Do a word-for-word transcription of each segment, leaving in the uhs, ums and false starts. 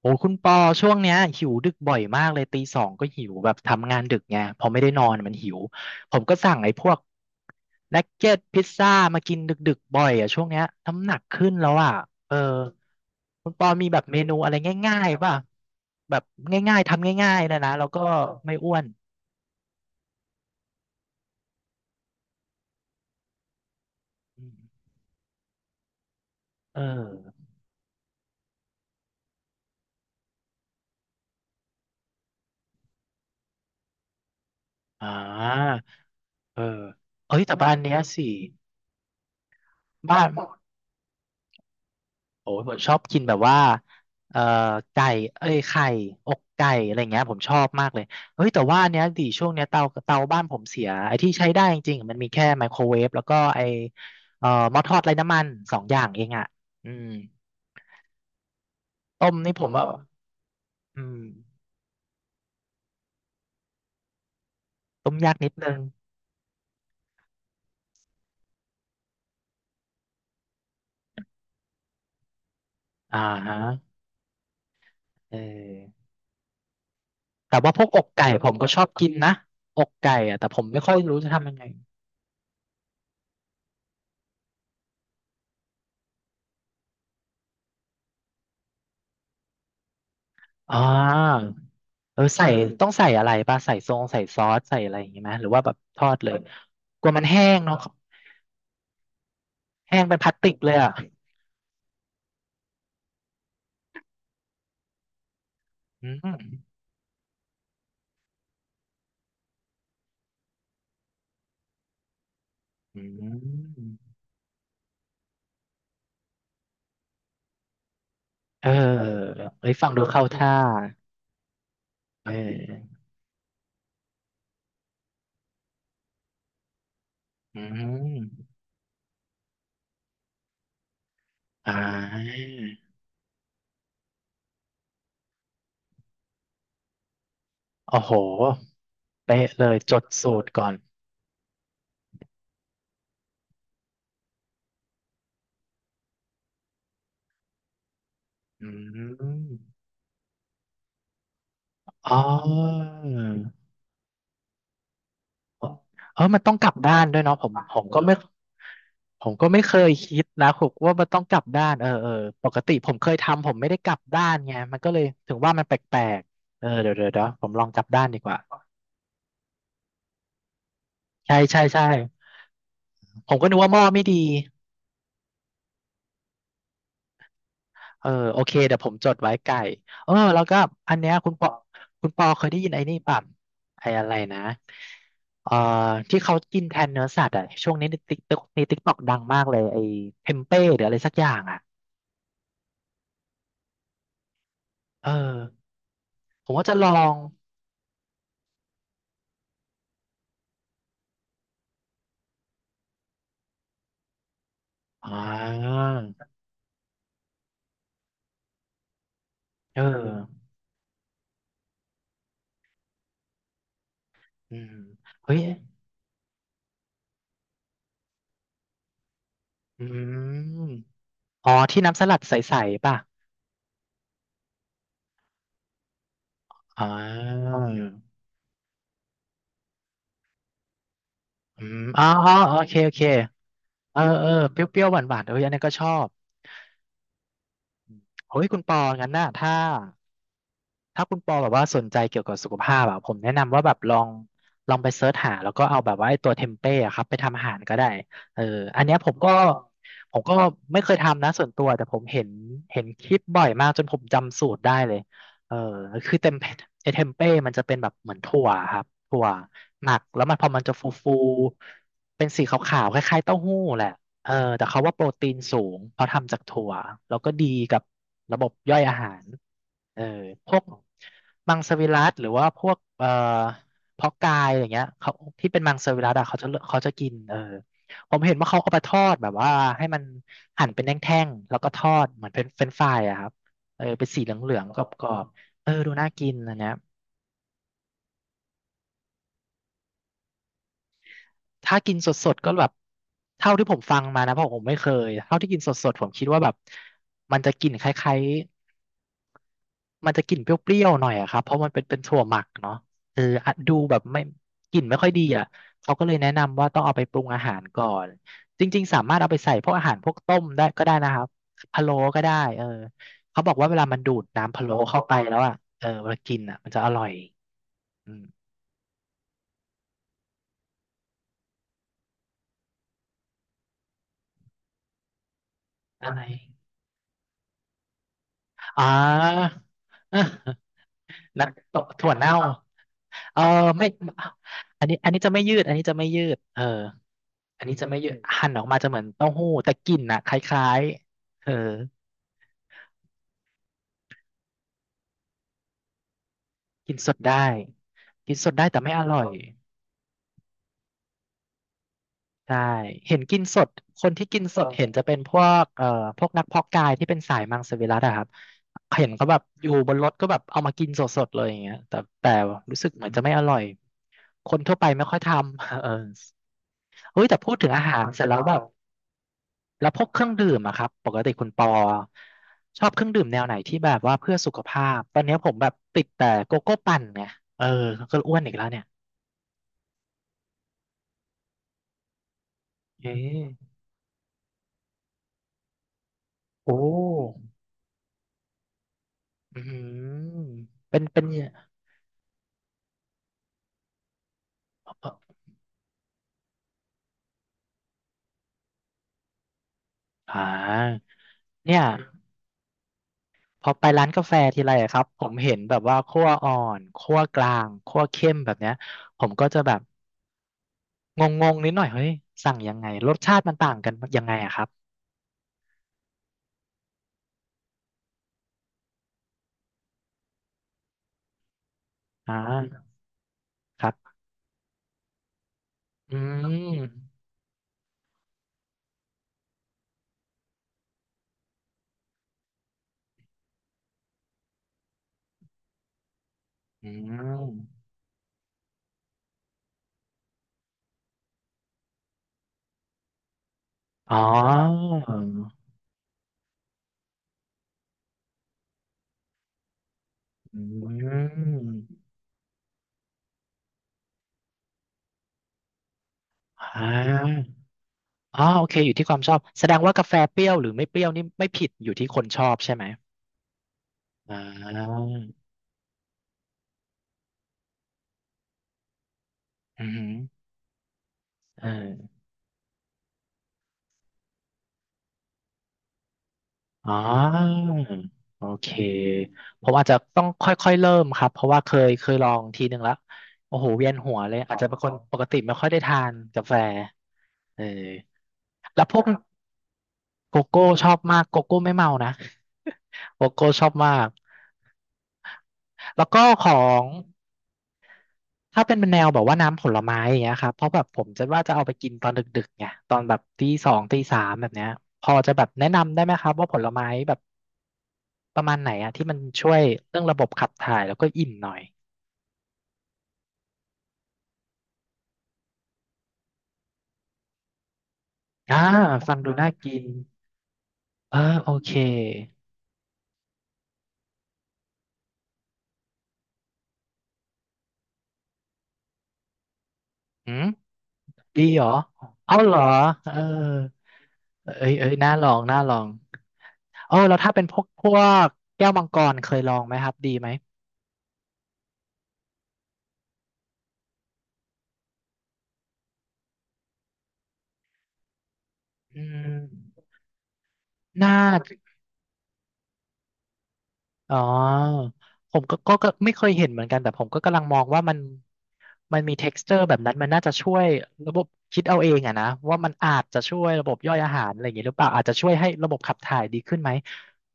โอ้คุณปอช่วงเนี้ยหิวดึกบ่อยมากเลยตีสองก็หิวแบบทำงานดึกไงพอไม่ได้นอนมันหิวผมก็สั่งไอ้พวกนักเก็ตพิซซ่ามากินดึกๆบ่อยอ่ะช่วงเนี้ยน้ำหนักขึ้นแล้วอ่ะเออคุณปอมีแบบเมนูอะไรง่ายๆป่ะแบบง่ายๆทำง่ายๆนะนะแล้วก็ไม่อ้วนอืมเอออ่าเออเอ้ยแต่บ้านเนี้ยสิบ้าน โอ้ยผมชอบกินแบบว่าเอ่อไก่เอ้ยไข่อกไก่อะไรเงี้ยผมชอบมากเลยเฮ้ยแต่ว่าอันเนี้ยดิช่วงเนี้ยเตาเตาบ้านผมเสียไอ้ที่ใช้ได้จริงๆมันมีแค่ไมโครเวฟแล้วก็ไอ้เอ่อหม้อทอดไร้น้ำมันสองอย่างเองอ่ะอืมต้มนี่ผอมว่าอืมต้มยากนิดนึงอ่าฮะเออแต่ว่าพวกอกไก่ผมก็ชอบกินนะอกไก่อะแต่ผมไม่ค่อยรู้จะทำยังไงอ่า เออใส่ต้องใส่อะไรป่ะใส่ทรงใส่ซอสใส่อะไรอย่างงี้ไหมหรือว่าแบบทอดเลยกลัวมันแห้งเนาะแห้งเป็นพลาสติกเลยอ่ะอืมอืมเออเอ้ยฟังดูเข้าท่าเอออืมอ่าโอ้โหเป๊ะเลยจดสูตรก่อนอืมอ๋อ เออมันต้องกลับด้านด้วยเนาะผมผมก็ไม่ผมก็ไม่เคยคิดนะผมว่ามันต้องกลับด้านเออเออปกติผมเคยทำผมไม่ได้กลับด้านไงมันก็เลยถึงว่ามันแปลกๆเออเดี๋ยวเดี๋ยวเดี๋ยวผมลองกลับด้านดีกว่าใช่ใช่ใช่ผมก็นึกว่าหม้อไม่ดีเออโอเคเดี๋ยวผมจดไว้ไก่เออแล้วก็อันเนี้ยคุณปอคุณปอเคยได้ยินไอ้นี่ป่ะไอ้อะไรนะเอ่อที่เขากินแทนเนื้อสัตว์อ่ะช่วงนี้ในติ๊กต็อกในติ๊กต็อกดังมากเลยไอ้เทมเป้หรืออะไรสักอย่างอ่ะ เออผมว่าจะลอง อ่าเอออืมเฮ้ยอืมอ๋อที่น้ำสลัดใสๆป่ะ อ่าอืมอ๋ออ๋อโอเคโอเคเออเออเปรี้ยวๆหวานๆเอออันนี้ก็ชอบเฮ้ย คุณปองั้นน่ะถ้า ถ้าคุณปอแบบว่าสนใจเกี่ยวกับสุขภาพอะผมแนะนำว่าแบบลองลองไปเซิร์ชหาแล้วก็เอาแบบว่าไอ้ตัวเทมเป้อะครับไปทำอาหารก็ได้เอออันเนี้ยผมก็ผมก็ไม่เคยทำนะส่วนตัวแต่ผมเห็นเห็นคลิปบ่อยมากจนผมจำสูตรได้เลยเออคือเต็มไอ้เทมเป้มันจะเป็นแบบเหมือนถั่วครับถั่วหมักแล้วมันพอมันจะฟูฟูเป็นสีขาวๆคล้ายๆเต้าหู้แหละเออแต่เขาว่าโปรตีนสูงเพราะทำจากถั่วแล้วก็ดีกับระบบย่อยอาหาร เออพวกมังสวิรัติหรือว่าพวกเอ่อเพาะกายอย่างเงี้ยเขาที่เป็นมังสวิรัติอะเขาจะเขาจะกินเออผมเห็นว่าเขาเอาไปทอดแบบว่าให้มันหั่นเป็นแท่งๆแล้วก็ทอดเหมือนเป็นเฟรนช์ฟรายอะครับเออเป็นสีเหลืองๆกรอบๆเออดูน่ากินอันเนี้ยถ้ากินสดๆก็แบบเท่าที่ผมฟังมานะเพราะผมไม่เคยเท่าที่กินสดๆผมคิดว่าแบบมันจะกลิ่นคล้ายๆ มันจะกลิ่นเปรี้ยวๆหน่อยอะครับเพราะมันเป็นเป็นถั่วหมักเนาะเอออะดูแบบไม่กลิ่นไม่ค่อยดีอ่ะเขาก็เลยแนะนำว่าต้องเอาไปปรุงอาหารก่อนจริงๆสามารถเอาไปใส่พวกอาหารพวกต้มได้ก็ได้นะครับพะโล้ก็ได้เออเขาบอกว่าเวลามันดูดน้ำพะโล้เข้าไปแล้วอ่ะเออเวลากินอ่ะมันจะอร่อยอืมอะไรอ่า นักตถั่วเน่าเออไม่อันนี้อันนี้จะไม่ยืดอันนี้จะไม่ยืดเออ อันนี้จะไม่เยอะหั่นออกมาจะเหมือนเต้าหู้แต่กลิ่นน่ะคล้ายๆเออกินสดได้กินสดได้แต่ไม่อร่อยใช่เห็นกินสดคนที่กินสดเห็นจะเป็นพวกเอ่อพวกนักเพาะกายที่เป็นสายมังสวิรัติอะครับเห็นเขาแบบอยู่บนรถก็แบบเอามากินสดๆเลยอย่างเงี้ยแต่แต่รู้สึกเหมือนจะไม่อร่อยคนทั่วไปไม่ค่อยทำ เออเฮ้ยแต่พูดถึงอาหารเสร็จแล้วแบบ แล้วพวกเครื่องดื่มอะครับปกติคุณปอชอบเครื่องดื่มแนวไหนที่แบบว่าเพื่อสุขภาพตอนเนี้ยผมแบบติดแต่โกโก้ปั่นไงเออก็อ้วนอีกแล้วเนี่ยเอ๊ะโอ้อืมเป็นเป็นเอ่ออ่าเนี่ยพอไปร้านกาแฟทีไรอะครับผมเห็นแบบว่าคั่วอ่อนคั่วกลางคั่วเข้มแบบเนี้ยผมก็จะแบบงงๆนิดหน่อยเฮ้ยสั่งยังไงรสชาติมันต่างกันยังไงอะครับอ่าครับอืมอืม อ๋ออืมอ่าอ๋อโอเคอยู่ที่ความชอบแสดงว่ากาแฟเปรี้ยวหรือไม่เปรี้ยวนี่ไม่ผิดอยู่ที่คนชอบใช่ไหมอ่าอืมเอออ๋อโอเค ผมอาจจะต้องค่อยๆเริ่มครับ เพราะว่าเคยเคยลองทีหนึ่งแล้วโอ้โหเวียนหัวเลยอาจจะเป็นคนปกติไม่ค่อยได้ทานกาแฟเออแล้วพวกโกโก้ชอบมากโกโก้ไม่เมานะ โกโก้ชอบมากแล้วก็ของ ถ้าเป็นแนวแบบว่าน้ำผลไม้อย่างเงี้ยครับเพราะแบบผมจะว่าจะเอาไปกินตอนดึกๆไงตอนแบบตีสองตีสามแบบเนี้ยพอจะแบบแนะนำได้ไหมครับว่าผลไม้แบบประมาณไหนอะที่มันช่วยเรื่องระบบขับถ่ายแล้วก็อิ่มหน่อยอ่าฟังดูน่ากินเออโอเคหืมดีเหรอเอาเหรอเออเอ้ยเอ้ยน่าลองน่าลองเออแล้วถ้าเป็นพวกพวกแก้วมังกรเคยลองไหมครับดีไหมอืมน่า อ๋อผมก็ก็ก็ไม่เคยเห็นเหมือนกันแต่ผมก็กำลังมองว่ามันมันมี texture แบบนั้นมันน่าจะช่วยระบบคิดเอาเองอะนะว่ามันอาจจะช่วยระบบย่อยอาหารอะไรอย่างงี้หรือเปล่าอาจจะช่วยให้ระบบขับถ่ายดีขึ้นไหม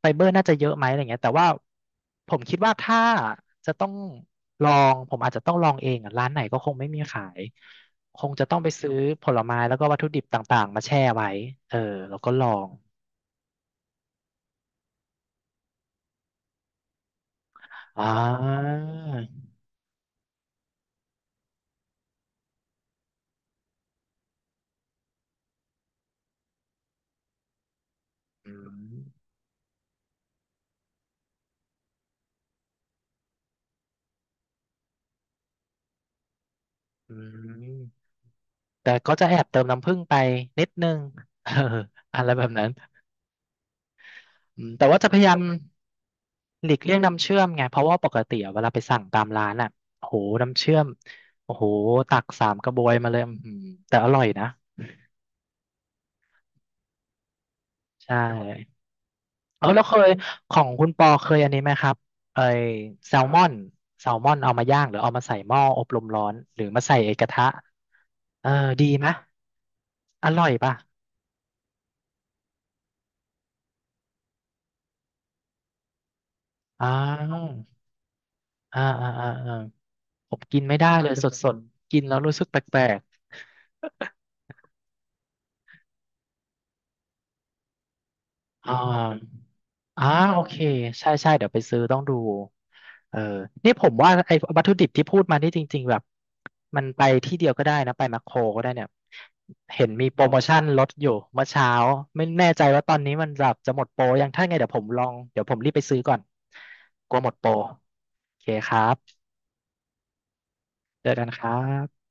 ไฟเบอร์น่าจะเยอะไหมอะไรเงี้ยแต่ว่าผมคิดว่าถ้าจะต้องลองผมอาจจะต้องลองเองอะร้านไหนก็คงไม่มีขายคงจะต้องไปซื้อผลไม้แล้วก็วัตถุดิบต่างๆมาแช่ไว้เออแล้วก็ลองอ่าอืมอืม แต่ก็จะแอบเติมน้ำผึ้งไปนิดนึง เอออะไรแบบนั้นอืมแต่ว่าจะพยายามหลีกเลี่ยงน้ำเชื่อมไงเพราะว่าปกติอะเวลาไปสั่งตามร้านอ่ะโอ้โหน้ำเชื่อมโอ้โหตักสามกระบวยมาเลยอื้อหือแต่อร่อยนะใช่เออแล้วเคยของคุณปอเคยอันนี้ไหมครับไอแซลมอนแซลมอนเอามาย่างหรือเอามาใส่หม้ออบลมร้อนหรือมาใส่ไอกระทะเออดีไหมอร่อยป่ะอ้าวอ่าอ่าอ่า ผมกินไม่ได้เลย สดๆกินแล้วรู้สึกแปลกๆอ่าอ่าโอเคใช่ใช่เดี๋ยวไปซื้อต้องดูเออนี่ผมว่าไอ้วัตถุดิบที่พูดมานี่จริงๆแบบมันไปที่เดียวก็ได้นะไปแมคโครก็ได้เนี่ยเห็นมีโปรโมชั่นลดอยู่เมื่อเช้าไม่แน่ใจว่าตอนนี้มันแบบจะหมดโปรยังถ้าไงเดี๋ยวผมลองเดี๋ยวผมรีบไปซื้อก่อนกลัวหมดโปรโอเคครับเจอกันครับ